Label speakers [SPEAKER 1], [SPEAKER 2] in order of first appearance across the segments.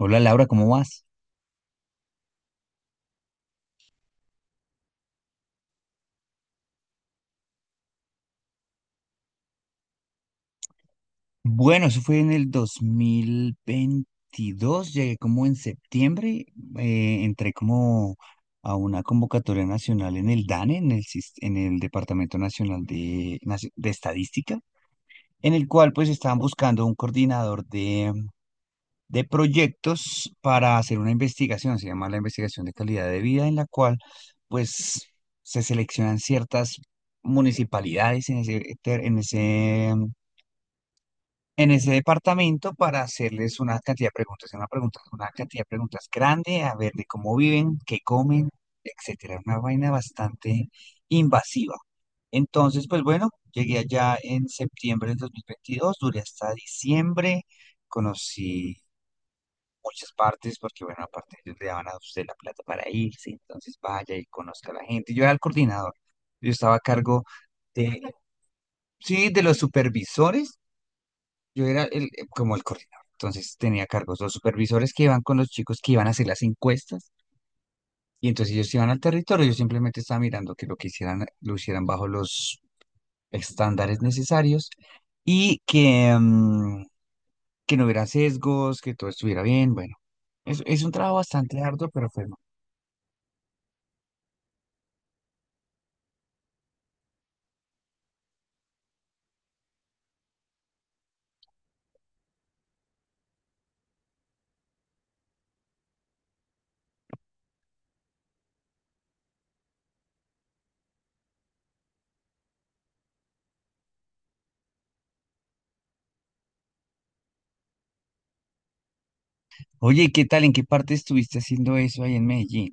[SPEAKER 1] Hola Laura, ¿cómo vas? Bueno, eso fue en el 2022. Llegué como en septiembre, entré como a una convocatoria nacional en el DANE, en el Departamento Nacional de Estadística, en el cual pues estaban buscando un coordinador de proyectos para hacer una investigación. Se llama la investigación de calidad de vida, en la cual pues se seleccionan ciertas municipalidades en ese departamento para hacerles una cantidad de preguntas, grande, a ver de cómo viven, qué comen, etcétera. Una vaina bastante invasiva. Entonces, pues bueno, llegué allá en septiembre del 2022, duré hasta diciembre, conocí muchas partes, porque bueno, aparte ellos le daban a usted la plata para irse, entonces vaya y conozca a la gente. Yo era el coordinador, yo estaba a cargo de, sí, de los supervisores. Yo era el, como el coordinador, entonces tenía cargos los supervisores que iban con los chicos que iban a hacer las encuestas, y entonces ellos iban al territorio. Yo simplemente estaba mirando que lo que hicieran lo hicieran bajo los estándares necesarios, y que no hubiera sesgos, que todo estuviera bien. Bueno, es un trabajo bastante arduo, pero fue bueno. Oye, ¿y qué tal? ¿En qué parte estuviste haciendo eso ahí en Medellín?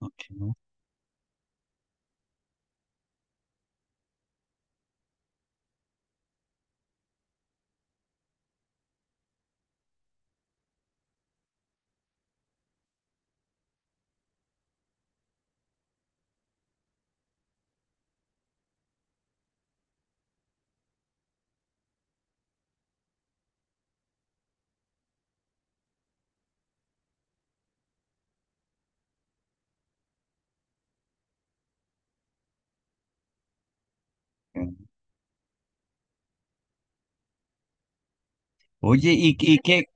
[SPEAKER 1] Ok. Ok. Oye, ¿y qué...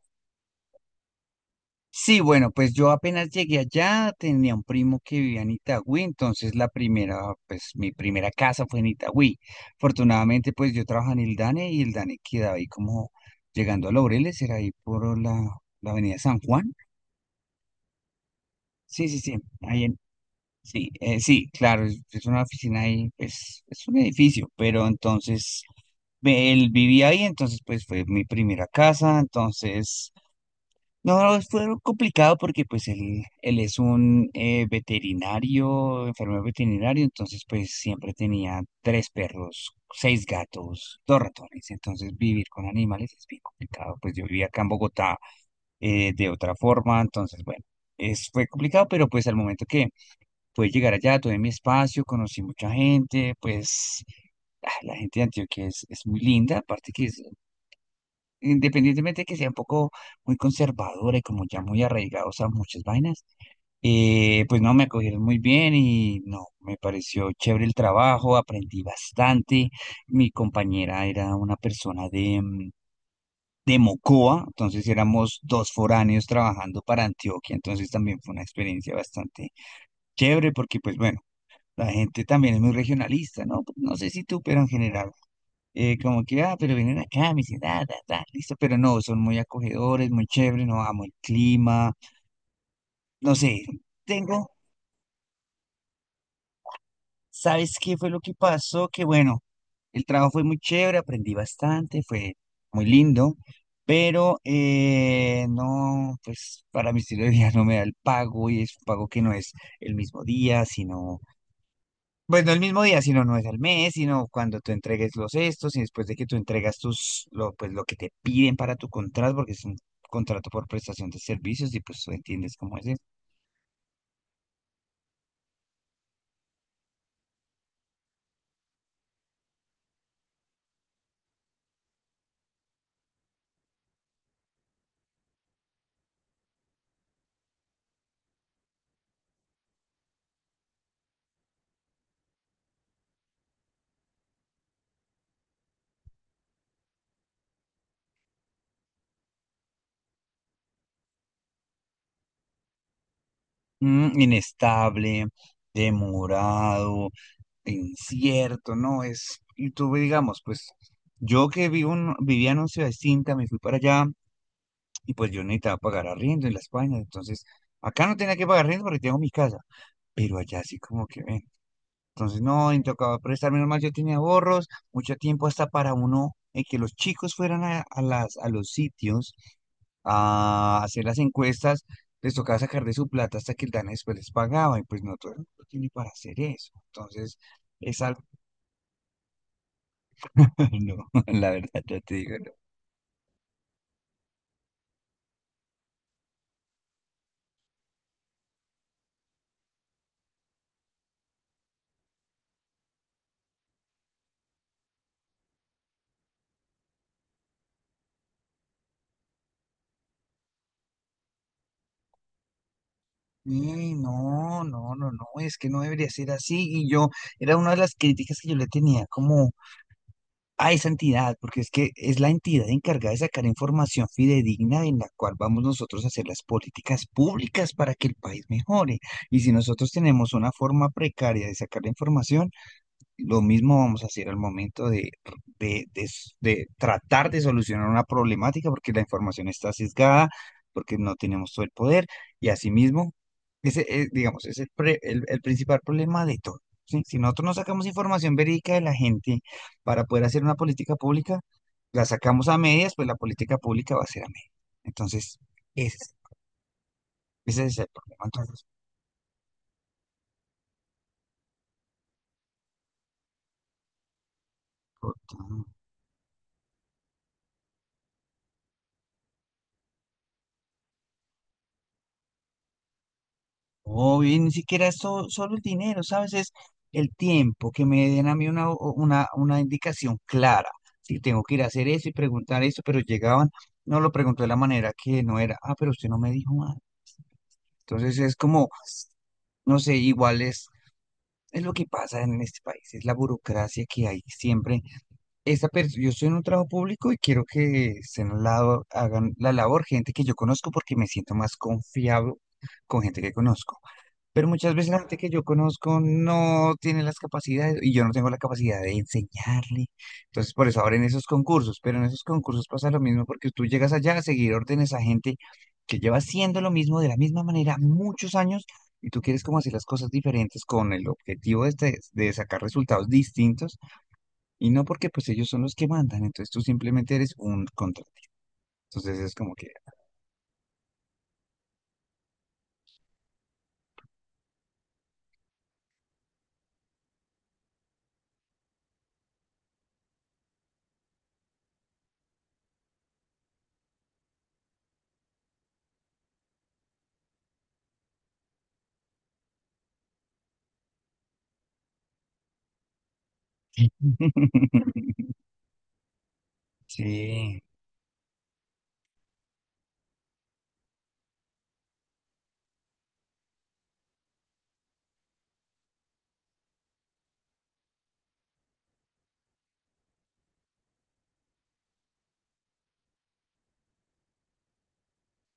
[SPEAKER 1] Sí, bueno, pues yo apenas llegué allá, tenía un primo que vivía en Itagüí, entonces pues mi primera casa fue en Itagüí. Afortunadamente, pues yo trabajaba en el DANE, y el DANE quedaba ahí como llegando a Laureles, era ahí por la avenida San Juan. Sí, sí, sí, ahí en, sí, sí, claro, es una oficina ahí, pues es un edificio, pero entonces él vivía ahí, entonces pues fue mi primera casa, entonces... No, fue algo complicado porque pues él es un, veterinario, enfermero veterinario, entonces pues siempre tenía tres perros, seis gatos, dos ratones. Entonces vivir con animales es bien complicado. Pues yo vivía acá en Bogotá de otra forma, entonces bueno, fue complicado, pero pues al momento que pude llegar allá, tuve mi espacio, conocí mucha gente. Pues, la gente de Antioquia es muy linda, aparte que es, independientemente de que sea un poco muy conservadora y como ya muy arraigados a muchas vainas, pues no, me acogieron muy bien, y no, me pareció chévere el trabajo, aprendí bastante. Mi compañera era una persona de Mocoa, entonces éramos dos foráneos trabajando para Antioquia, entonces también fue una experiencia bastante chévere, porque pues bueno, la gente también es muy regionalista, ¿no? No sé si tú, pero en general, como que, ah, pero vienen acá a mi ciudad, ta, ta, listo, pero no, son muy acogedores, muy chéveres. No amo el clima, no sé. Tengo... ¿sabes qué fue lo que pasó? Que bueno, el trabajo fue muy chévere, aprendí bastante, fue muy lindo, pero no, pues para mi estilo de vida no me da el pago, y es un pago que no es el mismo día, sino... pues no el mismo día, sino no es al mes, sino cuando tú entregues los estos y después de que tú entregas pues lo que te piden para tu contrato, porque es un contrato por prestación de servicios, y pues tú entiendes cómo es eso. Mm, inestable, demorado, incierto, ¿no? Es, y tú, digamos, pues yo que vivía en una ciudad distinta, me fui para allá, y pues yo necesitaba pagar arriendo en la España, entonces acá no tenía que pagar arriendo porque tengo mi casa, pero allá sí, como que... ven, entonces, no, y tocaba prestar. Menos mal yo tenía ahorros, mucho tiempo hasta para uno, que los chicos fueran a los sitios a hacer las encuestas, les tocaba sacar de su plata hasta que el DANE después les pagaba, y pues no todo el mundo tiene para hacer eso. Entonces, es algo... No, la verdad, ya te digo, no. Y no, no, no, no, es que no debería ser así. Y yo, era una de las críticas que yo le tenía como a esa entidad, porque es que es la entidad encargada de sacar información fidedigna en la cual vamos nosotros a hacer las políticas públicas para que el país mejore. Y si nosotros tenemos una forma precaria de sacar la información, lo mismo vamos a hacer al momento de tratar de solucionar una problemática, porque la información está sesgada, porque no tenemos todo el poder, y asimismo, ese es, digamos, es el principal problema de todo. ¿Sí? Si nosotros no sacamos información verídica de la gente para poder hacer una política pública, la sacamos a medias, pues la política pública va a ser a medias. Entonces, ese, es- ese es el problema. Entonces... Obvio, y ni siquiera es solo el dinero, ¿sabes? Es el tiempo, que me den a mí una indicación clara. Si tengo que ir a hacer eso y preguntar eso, pero llegaban, no lo preguntó de la manera que no era. Ah, pero usted no me dijo nada. Entonces es como, no sé, igual es lo que pasa en este país, es la burocracia que hay siempre. Yo estoy en un trabajo público y quiero que estén al lado, hagan la labor gente que yo conozco, porque me siento más confiado con gente que conozco. Pero muchas veces la gente que yo conozco no tiene las capacidades, y yo no tengo la capacidad de enseñarle. Entonces, por eso abren esos concursos, pero en esos concursos pasa lo mismo, porque tú llegas allá a seguir órdenes a gente que lleva haciendo lo mismo de la misma manera muchos años, y tú quieres como hacer las cosas diferentes con el objetivo de sacar resultados distintos, y no, porque pues ellos son los que mandan, entonces tú simplemente eres un contra. Entonces es como que... Sí.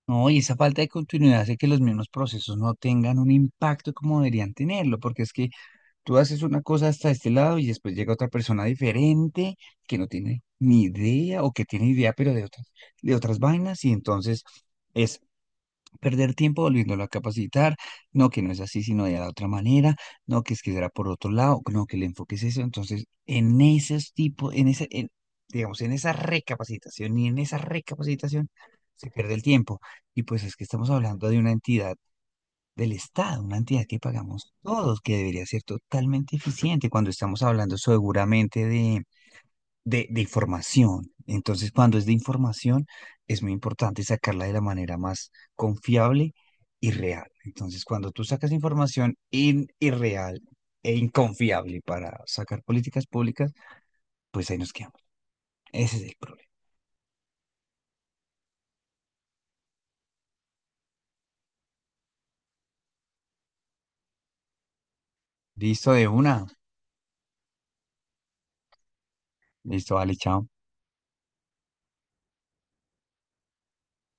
[SPEAKER 1] No, y esa falta de continuidad hace que los mismos procesos no tengan un impacto como deberían tenerlo, porque es que tú haces una cosa hasta este lado y después llega otra persona diferente, que no tiene ni idea, o que tiene idea, pero de otras vainas, y entonces es perder tiempo volviéndolo a capacitar. No, que no es así, sino de la otra manera. No, que es que será por otro lado. No, que el enfoque es eso. Entonces, en esos tipos, en ese, en- digamos, en esa recapacitación y en esa recapacitación se pierde el tiempo. Y pues es que estamos hablando de una entidad del Estado, una entidad que pagamos todos, que debería ser totalmente eficiente cuando estamos hablando seguramente de información. Entonces, cuando es de información, es muy importante sacarla de la manera más confiable y real. Entonces, cuando tú sacas información irreal e inconfiable para sacar políticas públicas, pues ahí nos quedamos. Ese es el problema. Listo, de una. Listo, vale, chao.